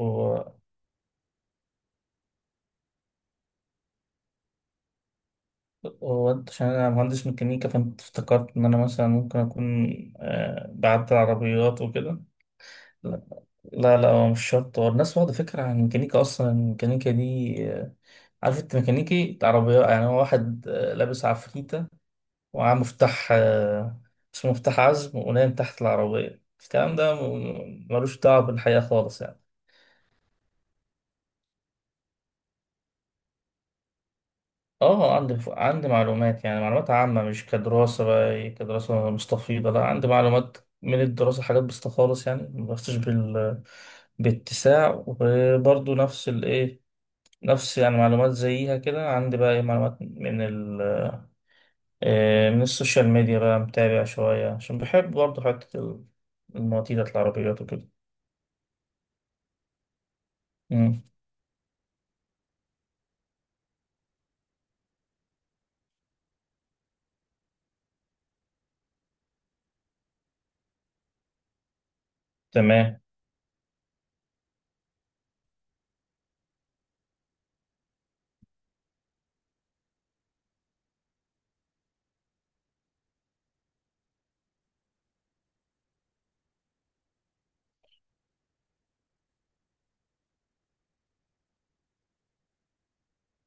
هو عشان أنا مهندس ميكانيكا فأنت افتكرت إن أنا مثلا ممكن أكون بعدل عربيات وكده. لا لا لا، هو مش شرط، هو الناس واخدة فكرة عن الميكانيكا. أصلا الميكانيكا دي عارف، أنت ميكانيكي عربيات، يعني هو واحد لابس عفريتة ومعاه مفتاح، اسمه مفتاح عزم، ونايم تحت العربية. الكلام ده ملوش دعوة بالحقيقة خالص يعني. اه عندي معلومات، يعني معلومات عامة مش كدراسة، بقى إيه، كدراسة مستفيضة. لا، عندي معلومات من الدراسة، حاجات بسيطة خالص يعني، مبحثش باتساع. وبرضه نفس نفس، يعني معلومات زيها كده عندي. بقى ايه معلومات من من السوشيال ميديا، بقى متابع شوية عشان بحب برضه حتة المواضيع بتاعت العربيات وكده. مم، تمام.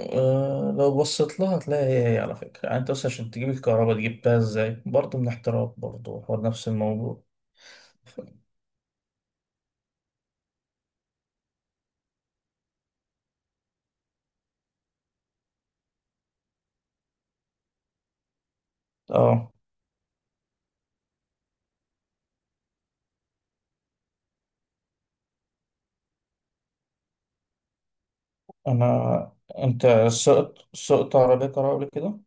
أه لو بصيت لها هتلاقي هي على فكرة، يعني. انت بس عشان تجيب الكهرباء جبتها ازاي؟ برضه من احتراق، برضه هو نفس الموضوع. اه انا انت سقط عربية كهرباء قبل كده؟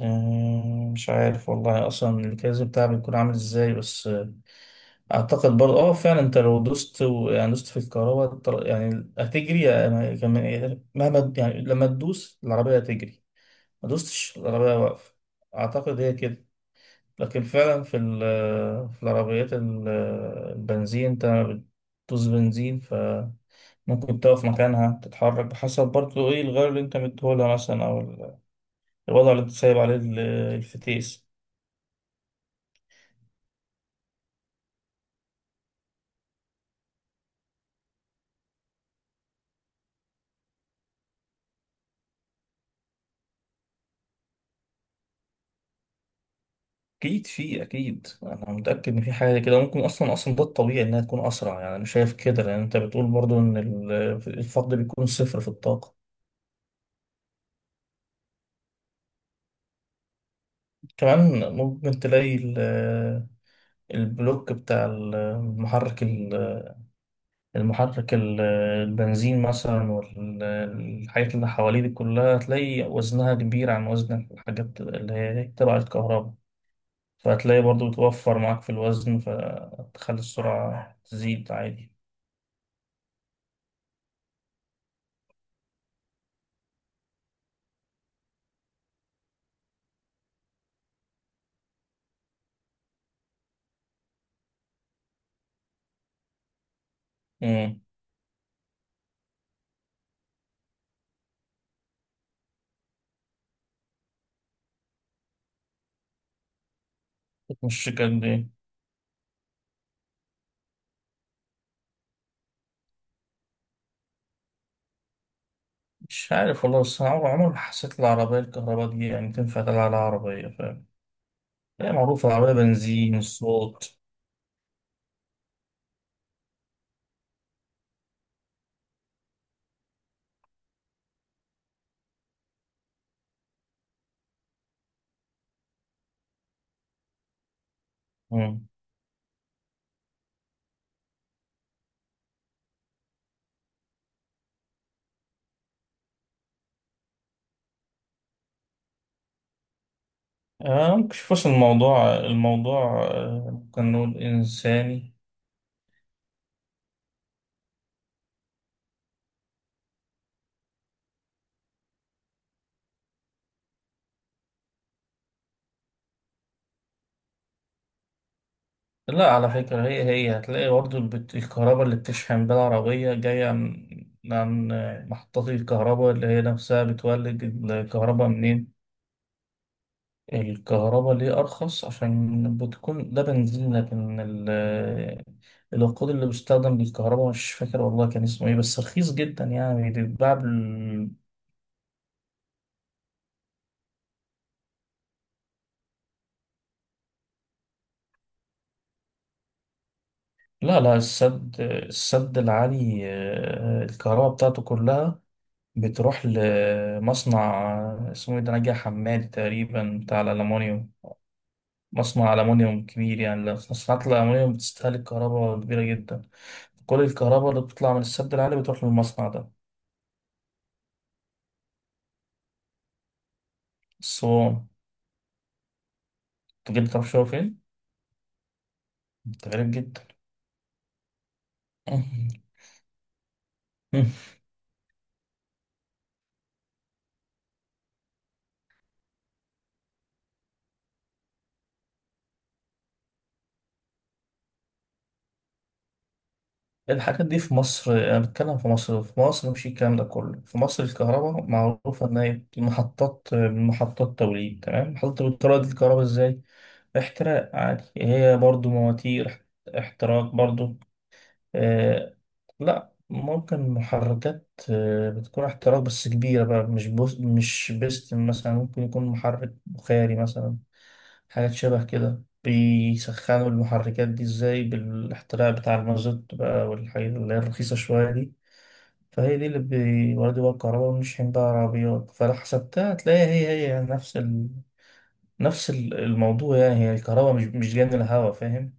أه، مش عارف والله، اصلا الكاز بتاعها بيكون عامل ازاي؟ بس اعتقد برضه، فعلا انت لو دوست يعني دوست في الكهرباء يعني هتجري، يعني كمان مهما يعني، لما تدوس العربية هتجري. ما دوستش العربية واقفة، اعتقد هي كده. لكن فعلا في في العربيات البنزين، انت بتدوس بنزين فممكن تقف مكانها، تتحرك بحسب برضه ايه الغير اللي انت مديهولها مثلا، او الوضع اللي انت سايب عليه الفتيس. اكيد في، اكيد انا متاكد ان في حاجه كده، ممكن اصلا ده الطبيعي انها تكون اسرع. يعني انا شايف كده، لان انت بتقول برضه ان الفقد بيكون صفر في الطاقه. كمان ممكن تلاقي البلوك بتاع المحرك، المحرك ال- البنزين مثلا، والحاجات اللي حواليه دي كلها هتلاقي وزنها كبير عن وزن الحاجات اللي هي تبع الكهرباء، فهتلاقي برضو بتوفر معاك في الوزن، فتخلي السرعة تزيد عادي. امم. مش قد ايه؟ مش عارف والله، بس أنا عمر ما حسيت العربية الكهرباء دي يعني تنفع تلعب على عربية، فاهم؟ هي معروفة العربية بنزين الصوت. امم. ممكن شوف، بس الموضوع ممكن نقول إنساني. لا، على فكرة، هي هتلاقي برضه الكهرباء اللي بتشحن بيها العربية جاية عن، عن محطات الكهرباء اللي هي نفسها بتولد. الكهرباء منين؟ الكهرباء ليه أرخص؟ عشان بتكون ده بنزين، لكن الوقود اللي بيستخدم للكهرباء مش فاكر والله كان اسمه ايه، بس رخيص جدا يعني بيتباع. لا لا، السد، العالي، الكهرباء بتاعته كلها بتروح لمصنع اسمه ايه ده، نجع حماد تقريبا، بتاع الألمونيوم. مصنع ألمونيوم كبير، يعني لو مصنعات الألمونيوم بتستهلك كهرباء كبيرة جدا. كل الكهرباء اللي بتطلع من السد العالي بتروح للمصنع ده. الصوان. تجيب تعرف شو فين؟ انت غريب جدا. الحاجات دي في مصر، أنا بتكلم في مصر، في مصر مش الكلام ده كله، في مصر الكهرباء معروفة إن هي محطات، توليد، تمام. محطة بتولد الكهرباء إزاي؟ احتراق عادي، هي برضو مواتير احتراق برضو. آه، لا ممكن محركات، بتكون احتراق بس كبيرة بقى، مش بوس مش بستن مثلا، ممكن يكون محرك بخاري مثلا، حاجات شبه كده. بيسخنوا المحركات دي ازاي؟ بالاحتراق بتاع المازوت بقى والحاجات اللي هي الرخيصة شوية دي. فهي دي اللي بيوردوا بقى الكهرباء، ونشحن بقى عربيات. فلو حسبتها هتلاقيها هي نفس الموضوع، يعني. هي الكهرباء مش جايه من الهواء، فاهم؟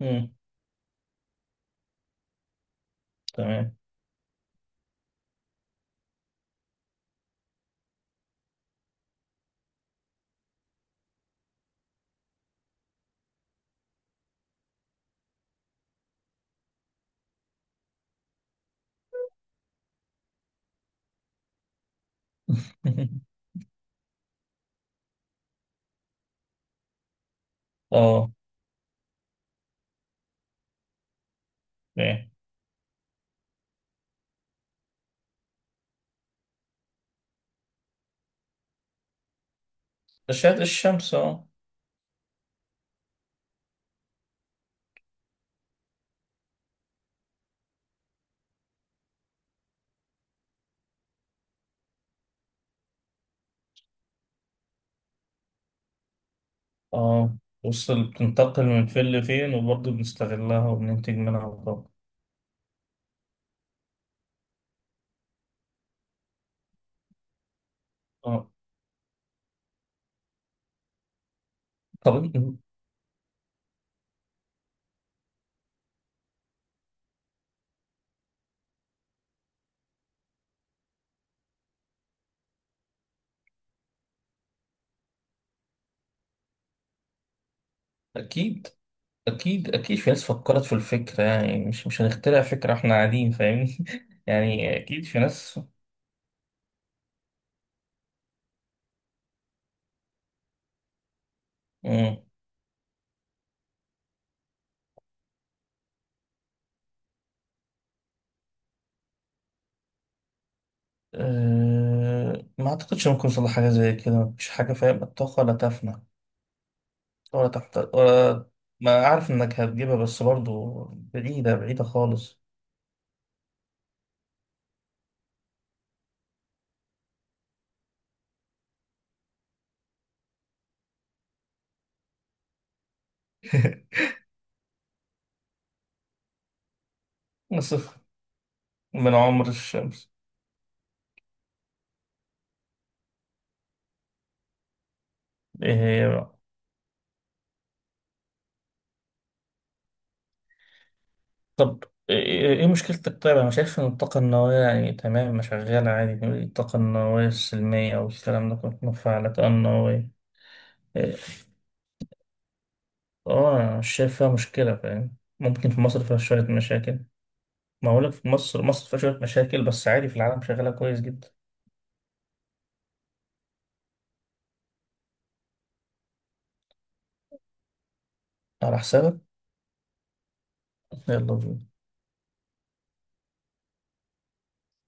امم. تمام. اه، فاهم، أشعة الشمس، اه. اه، بص، بتنتقل من فين لفين، وبرضه بنستغلها وبننتج منها طاقة. اه. طب أكيد، أكيد أكيد في ناس فكرت في الفكرة، يعني. مش هنخترع فكرة إحنا قاعدين، فاهمني. يعني أكيد في ناس. مم. أه، ما أعتقدش ممكن يوصل لحاجة زي كده، مفيش حاجة فاهم. الطاقة لا تفنى ولا تحت ولا، ما أعرف إنك هتجيبها، بس برضو بعيدة بعيدة خالص. نصف من عمر الشمس. إيه هي بقى؟ طب، إيه إيه إيه مشكلتك؟ طيب، أنا شايف إن الطاقة النووية يعني تمام، ما شغالة عادي، الطاقة النووية السلمية أو الكلام ده كله مفاعلات النووية. إيه، اه، أنا مش شايف فيها مشكلة فاهم، ممكن في مصر فيها شوية مشاكل. ما هقولك، في مصر، مصر فيها شوية مشاكل، بس عادي في العالم شغالة كويس جدا. على حسابك. يلا بينا.